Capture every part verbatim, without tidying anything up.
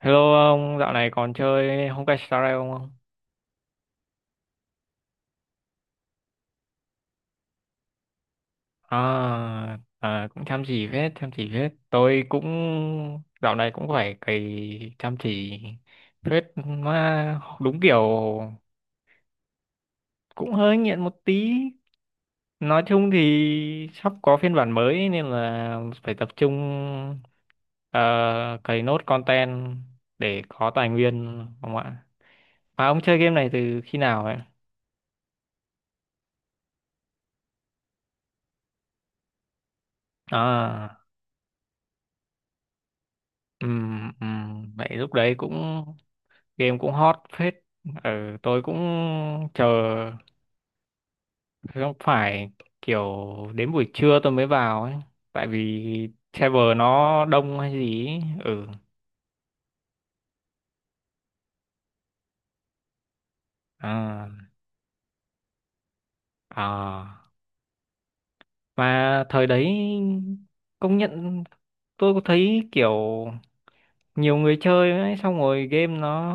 Hello ông, dạo này còn chơi Honkai Star Rail không? À, à, cũng chăm chỉ phết, chăm chỉ phết. Tôi cũng dạo này cũng phải cày chăm chỉ phết, mà đúng kiểu cũng hơi nghiện một tí. Nói chung thì sắp có phiên bản mới nên là phải tập trung ờ, cày nốt content để có tài nguyên, không ạ? Mà ông chơi game này từ khi nào vậy? À, ừm, ừm, vậy lúc đấy cũng game cũng hot phết, ừ, tôi cũng chờ, không phải kiểu đến buổi trưa tôi mới vào ấy, tại vì server nó đông hay gì ấy. Ừ, à, à. Mà thời đấy công nhận tôi có thấy kiểu nhiều người chơi ấy, xong rồi game nó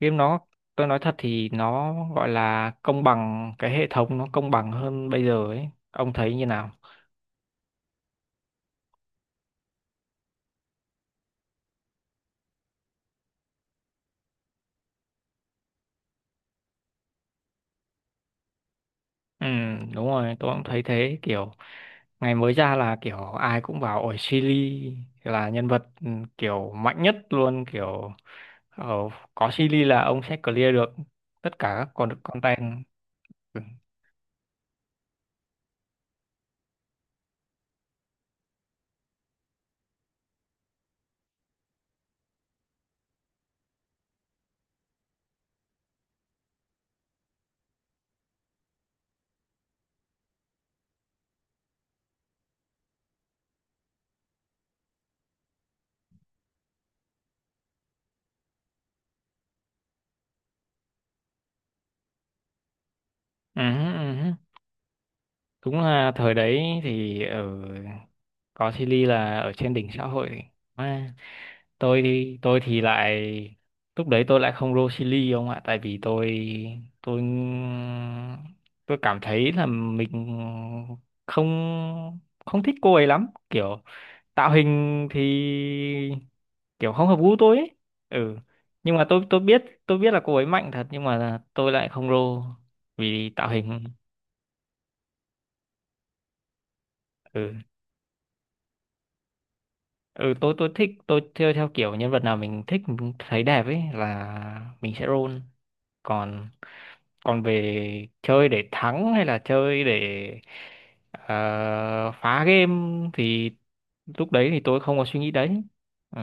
game nó tôi nói thật thì nó gọi là công bằng, cái hệ thống nó công bằng hơn bây giờ ấy, ông thấy như nào? Ừ, đúng rồi, tôi cũng thấy thế. Kiểu ngày mới ra là kiểu ai cũng bảo ổi Silly là nhân vật, ừ, kiểu mạnh nhất luôn kiểu. Ờ, có Silly là ông sẽ clear được tất cả các con content. Ừ. Ừ, ừ. Đúng là thời đấy thì ở, có Silly là ở trên đỉnh xã hội. Tôi thì tôi thì lại lúc đấy tôi lại không roll chili ông ạ, tại vì tôi tôi tôi cảm thấy là mình không, không thích cô ấy lắm, kiểu tạo hình thì kiểu không hợp gu tôi ấy. Ừ, nhưng mà tôi tôi biết, tôi biết là cô ấy mạnh thật nhưng mà tôi lại không roll vì tạo hình. Ừ, ừ, tôi tôi thích, tôi theo, theo kiểu nhân vật nào mình thích mình thấy đẹp ấy là mình sẽ roll. Còn, còn về chơi để thắng hay là chơi để ờ, phá game thì lúc đấy thì tôi không có suy nghĩ đấy. Ừ.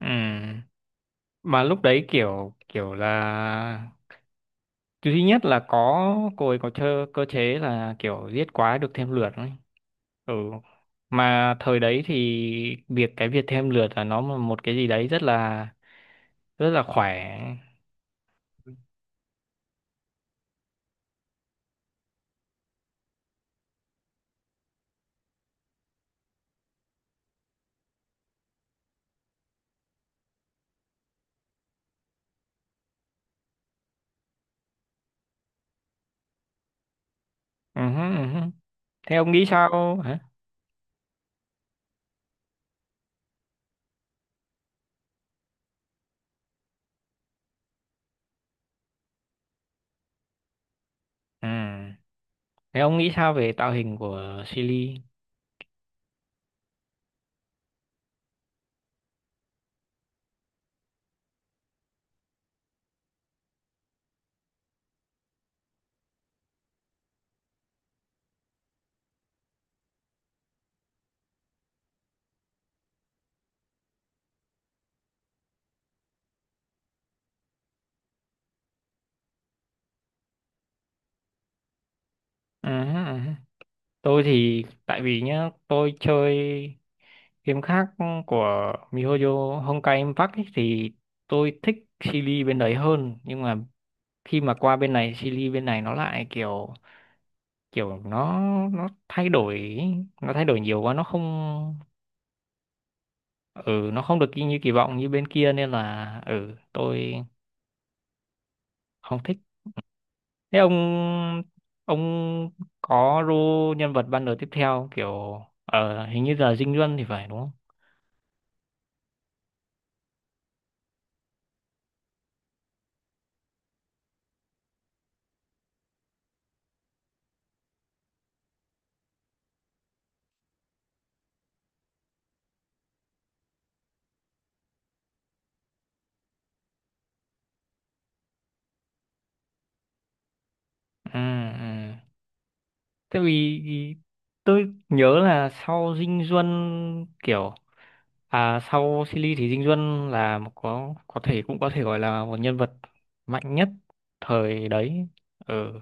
Ừ. Mà lúc đấy kiểu kiểu là thứ nhất là có cô ấy có chơi cơ chế là kiểu giết quái được thêm lượt ấy. Ừ, mà thời đấy thì việc cái việc thêm lượt là nó một cái gì đấy rất là, rất là khỏe. Ừ hứ, ừ hứ. Thế ông nghĩ sao hả? Ừ. Thế ông nghĩ sao về tạo hình của Silly? Ừ, ừ. Tôi thì tại vì nhá, tôi chơi game khác của miHoYo Honkai Impact ấy, thì tôi thích Silly bên đấy hơn, nhưng mà khi mà qua bên này Silly bên này nó lại kiểu, kiểu nó nó thay đổi ý. Nó thay đổi nhiều quá, nó không, ừ nó không được như kỳ vọng như bên kia, nên là ừ tôi không thích. Thế ông ông có role nhân vật ban đời tiếp theo kiểu ở hình như là Dinh Duân thì phải, đúng không? Ừ, ừ. Tại vì vì tôi nhớ là sau Dinh Duân kiểu, à sau Silly thì Dinh Duân là một, có có thể, cũng có thể gọi là một nhân vật mạnh nhất thời đấy. Ừ.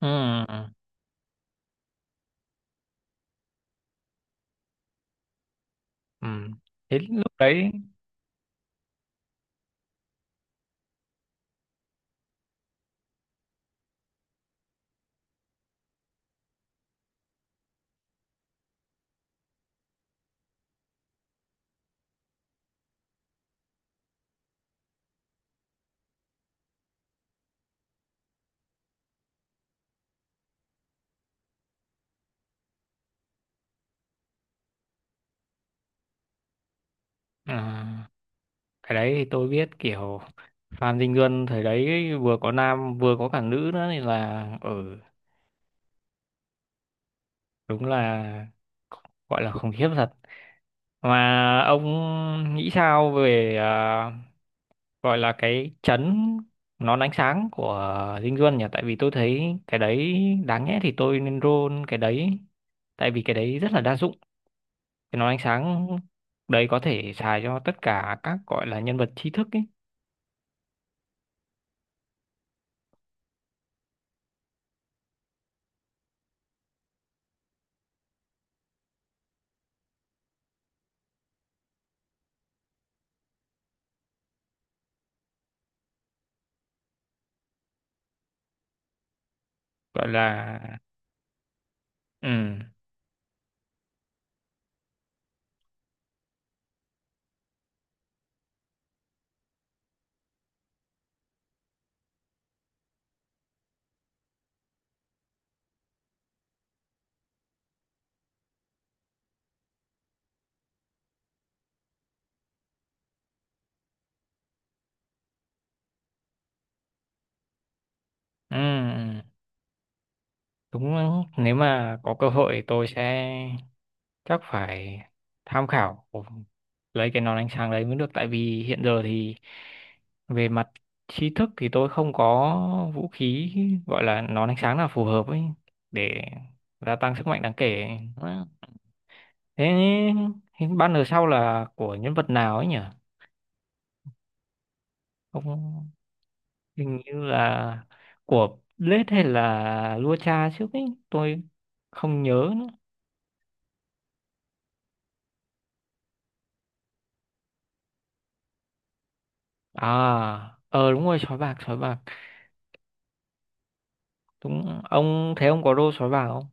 Ừ. Ừ. Ừ. Thế lúc đấy, ừ, cái đấy thì tôi biết kiểu Phan Dinh Luân thời đấy ấy, vừa có nam vừa có cả nữ nữa thì là, ừ đúng là, gọi là khủng khiếp thật. Mà ông nghĩ sao về à, gọi là cái chấn, nón ánh sáng của Dinh Luân nhỉ? Tại vì tôi thấy cái đấy, đáng nhẽ thì tôi nên roll cái đấy, tại vì cái đấy rất là đa dụng. Cái nón ánh sáng đấy có thể xài cho tất cả các gọi là nhân vật trí thức ấy, gọi là. Ừ, ừ. Đúng, nếu mà có cơ hội tôi sẽ, chắc phải tham khảo lấy cái nón ánh sáng đấy mới được, tại vì hiện giờ thì về mặt tri thức thì tôi không có vũ khí gọi là nón ánh sáng nào phù hợp ấy để gia tăng sức mạnh đáng kể. Thế hình banner sau là của nhân vật nào ấy nhỉ? Không, hình như là của Blade hay là Lua Cha trước ấy, tôi không nhớ nữa. À ờ đúng rồi, sói bạc, sói bạc, đúng. Ông thấy ông có đô sói bạc không?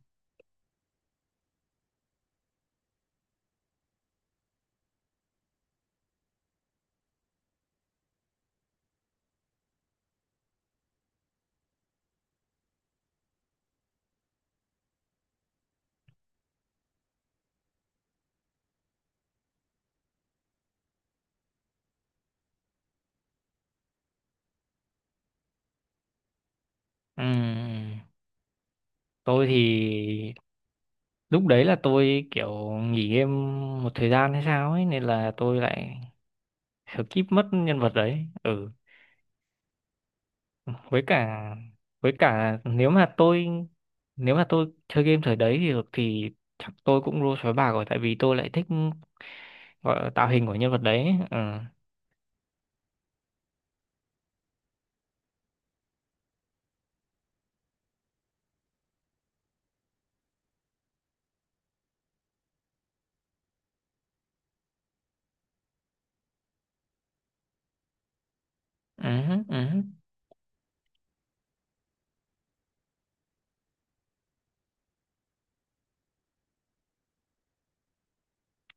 Ừ, tôi thì lúc đấy là tôi kiểu nghỉ game một thời gian hay sao ấy, nên là tôi lại skip mất nhân vật đấy. Ừ, với cả, với cả nếu mà tôi, nếu mà tôi chơi game thời đấy thì được thì chắc tôi cũng đô sói bạc rồi, tại vì tôi lại thích gọi là tạo hình của nhân vật đấy. Ừ, ừ, ừ,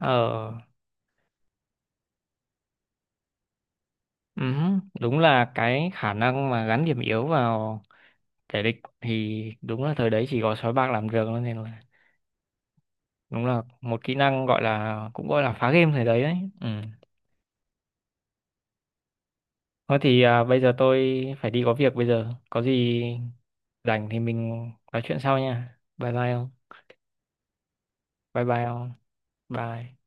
ờ. Ừ, đúng là cái khả năng mà gắn điểm yếu vào kẻ địch thì đúng là thời đấy chỉ có sói bạc làm được thôi, nên là đúng là một kỹ năng gọi là, cũng gọi là phá game thời đấy đấy. Ừ. Thôi thì à, bây giờ tôi phải đi có việc bây giờ. Có gì rảnh thì mình nói chuyện sau nha. Bye bye không? Bye bye không? Bye.